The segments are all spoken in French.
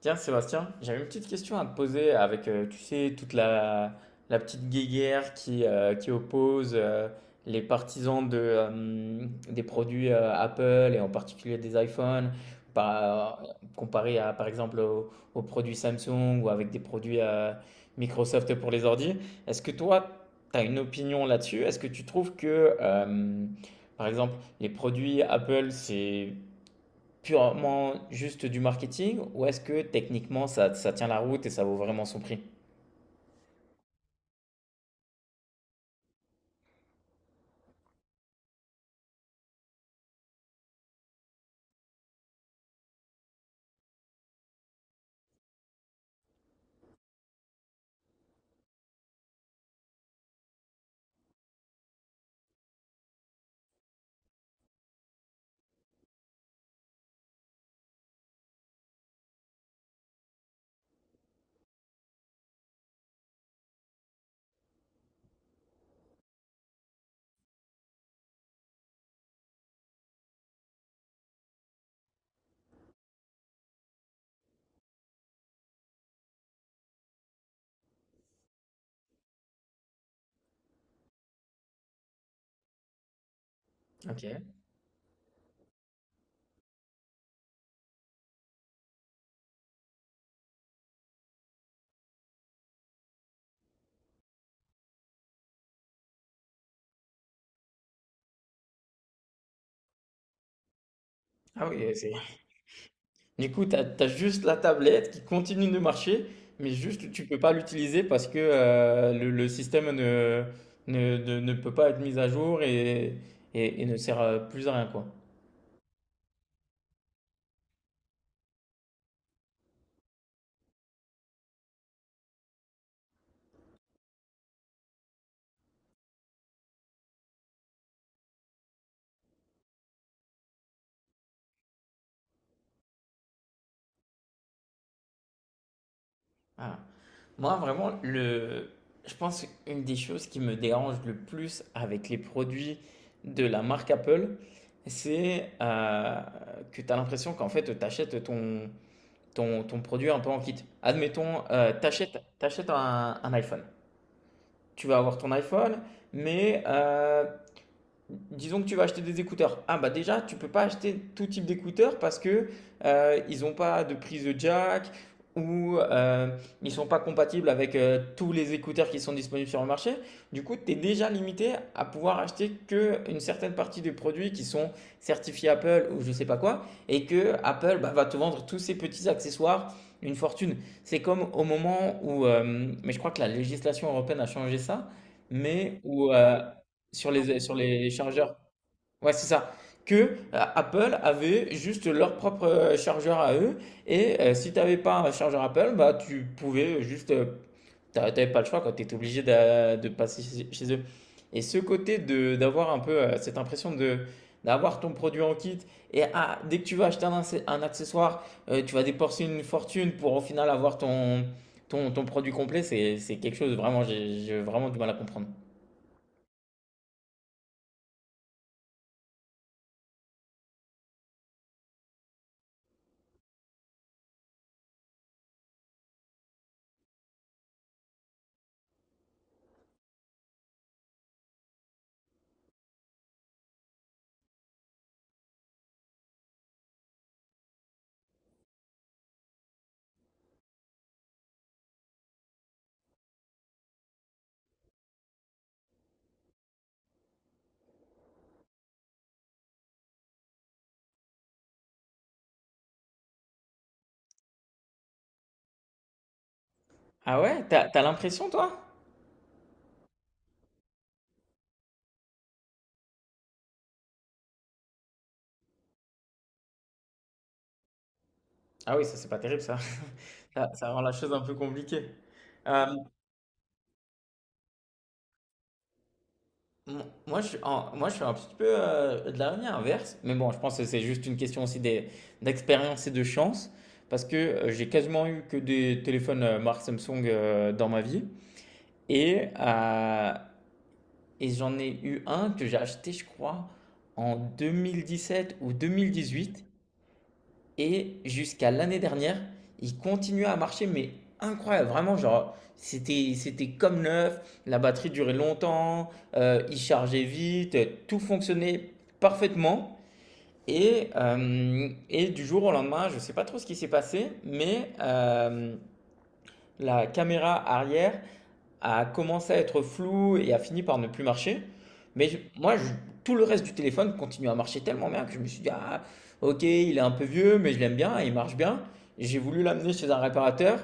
Tiens, Sébastien, j'avais une petite question à te poser avec, tu sais, toute la petite guéguerre qui oppose les partisans de, des produits Apple et en particulier des iPhones, par, comparé à, par exemple, aux produits Samsung ou avec des produits Microsoft pour les ordi. Est-ce que toi, tu as une opinion là-dessus? Est-ce que tu trouves que, par exemple, les produits Apple, c'est Purement juste du marketing ou est-ce que techniquement ça, ça tient la route et ça vaut vraiment son prix? OK. Ah oui, c'est. Du coup, t'as juste la tablette qui continue de marcher, mais juste tu peux pas l'utiliser parce que le système ne peut pas être mis à jour et ne sert plus à rien, quoi. Ah. Moi, vraiment, je pense une des choses qui me dérange le plus avec les produits de la marque Apple, c'est que tu as l'impression qu'en fait, tu achètes ton, ton, ton produit un peu en kit. Admettons, tu achètes, un iPhone. Tu vas avoir ton iPhone, mais disons que tu vas acheter des écouteurs. Ah bah déjà, tu peux pas acheter tout type d'écouteurs parce que ils n'ont pas de prise de jack ou ils sont pas compatibles avec tous les écouteurs qui sont disponibles sur le marché. Du coup, tu es déjà limité à pouvoir acheter que une certaine partie des produits qui sont certifiés Apple ou je sais pas quoi et que Apple bah, va te vendre tous ces petits accessoires une fortune. C'est comme au moment où, mais je crois que la législation européenne a changé ça, mais où sur sur les chargeurs. Ouais, c'est ça. Que Apple avait juste leur propre chargeur à eux. Et si tu n'avais pas un chargeur Apple, bah, tu pouvais T'avais pas le choix quand tu étais obligé de, passer chez eux. Et ce côté de d'avoir un peu cette impression de d'avoir ton produit en kit et ah, dès que tu vas acheter un, un accessoire, tu vas dépenser une fortune pour au final avoir ton produit complet, c'est quelque chose vraiment, j'ai vraiment du mal à comprendre. Ah ouais, t'as l'impression toi? Ah oui, ça c'est pas terrible ça. Ça ça rend la chose un peu compliquée. Euh, Moi, je suis en- moi je suis un petit peu de la ligne inverse, mais bon, je pense que c'est juste une question aussi d'expérience et de chance, parce que j'ai quasiment eu que des téléphones marque Samsung dans ma vie, et, euh, et j'en ai eu un que j'ai acheté, je crois, en 2017 ou 2018. Et jusqu'à l'année dernière, il continuait à marcher, mais incroyable, vraiment, genre, c'était comme neuf, la batterie durait longtemps, il chargeait vite, tout fonctionnait parfaitement. Et du jour au lendemain, je ne sais pas trop ce qui s'est passé, mais la caméra arrière a commencé à être flou et a fini par ne plus marcher. Mais je- moi, je- Tout le reste du téléphone continue à marcher tellement bien que je me suis dit, ah, ok, il est un peu vieux, mais je l'aime bien, il marche bien. J'ai voulu l'amener chez un réparateur.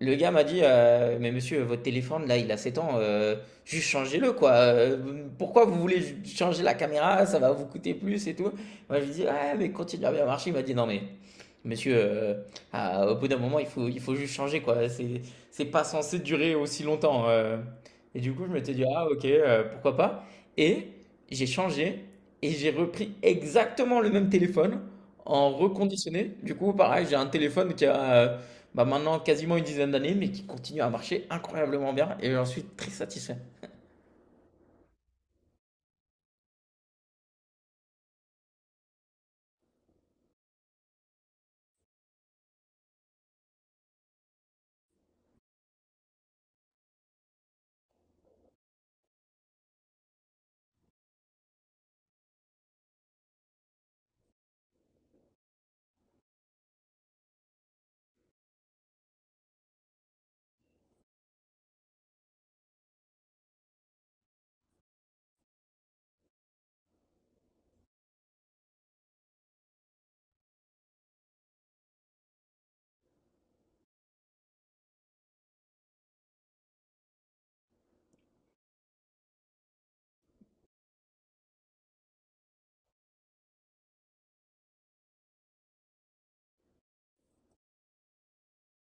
Le gars m'a dit, mais monsieur, votre téléphone, là, il a 7 ans, juste changez-le, quoi. Pourquoi vous voulez changer la caméra? Ça va vous coûter plus et tout. Moi, je lui dis, ouais, mais continue à bien marcher. Il m'a dit, non, mais monsieur, ah, au bout d'un moment, il faut juste changer, quoi. C'est pas censé durer aussi longtemps. Et du coup, je m'étais dit, ah, ok, pourquoi pas. Et j'ai changé et j'ai repris exactement le même téléphone en reconditionné. Du coup, pareil, j'ai un téléphone qui a bah, maintenant quasiment une dizaine d'années, mais qui continue à marcher incroyablement bien et j'en suis très satisfait.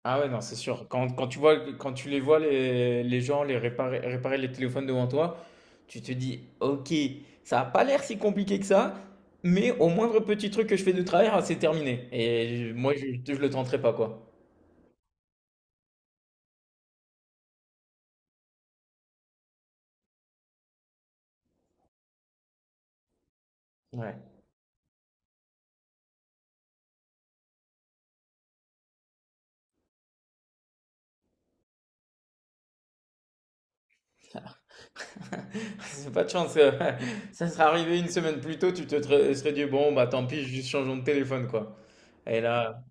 Ah ouais, non, c'est sûr. Quand tu vois, quand tu les vois, les gens les réparer les téléphones devant toi, tu te dis, ok, ça n'a pas l'air si compliqué que ça, mais au moindre petit truc que je fais de travers, c'est terminé. Je ne le tenterai pas, quoi. Ouais. C'est pas de chance. Ça serait arrivé une semaine plus tôt, tu te serais dit, bon, bah tant pis, juste changeons de téléphone, quoi. Et là,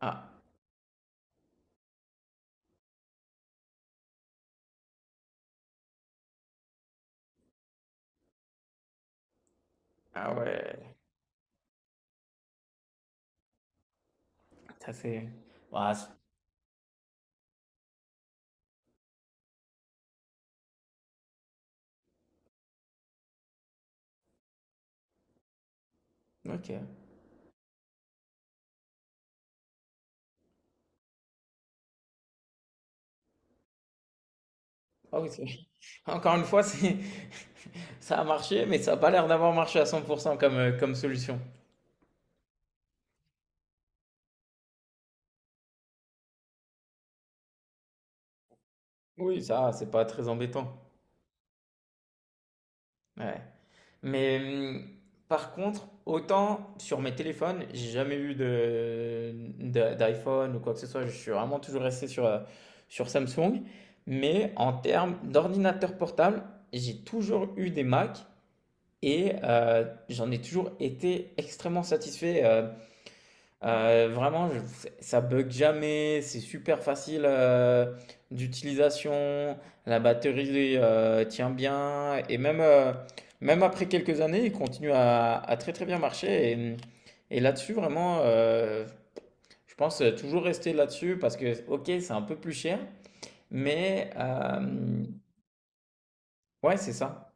ah, ah ouais. Ça, c'est. Bah, OK. Ah oui, c'est encore une fois, c'est ça a marché, mais ça a pas l'air d'avoir marché à 100% comme, comme solution. Oui, ça, c'est pas très embêtant. Ouais. Mais par contre, autant sur mes téléphones, j'ai jamais eu de, d'iPhone ou quoi que ce soit. Je suis vraiment toujours resté sur, sur Samsung. Mais en termes d'ordinateur portable, j'ai toujours eu des Mac et j'en ai toujours été extrêmement satisfait. Vraiment, je ça bug jamais, c'est super facile, d'utilisation, la batterie, tient bien et même, même après quelques années, il continue à très, très bien marcher et là-dessus vraiment, je pense toujours rester là-dessus parce que OK, c'est un peu plus cher, mais hem, ouais, c'est ça.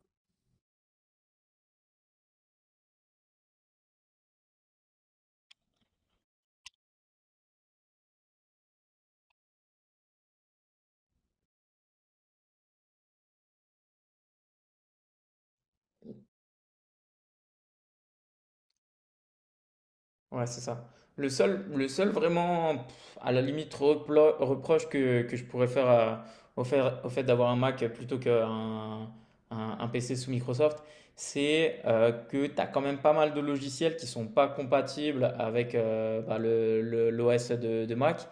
Ouais, c'est ça. Le seul vraiment, à la limite, reproche que je pourrais faire au fait d'avoir un Mac plutôt qu'un un PC sous Microsoft, c'est que tu as quand même pas mal de logiciels qui sont pas compatibles avec bah, l'OS de Mac.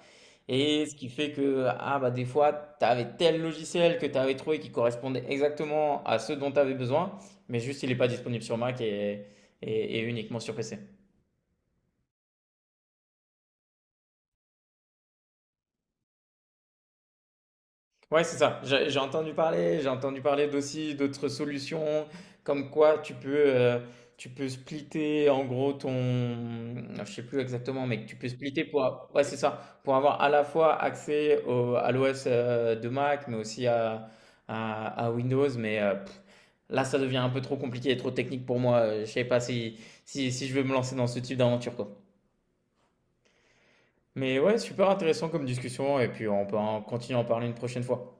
Et ce qui fait que ah, bah, des fois, tu avais tel logiciel que tu avais trouvé qui correspondait exactement à ce dont tu avais besoin, mais juste il n'est pas disponible sur Mac et uniquement sur PC. Ouais, c'est ça. J'ai entendu parler d'aussi d'autres solutions, comme quoi tu peux splitter en gros ton, je sais plus exactement, mais que tu peux splitter pour, ouais, c'est ça, pour avoir à la fois accès à l'OS de Mac, mais aussi à Windows. Mais là, ça devient un peu trop compliqué et trop technique pour moi. Je sais pas si je veux me lancer dans ce type d'aventure, quoi. Mais ouais, super intéressant comme discussion, et puis on peut en continuer à en parler une prochaine fois.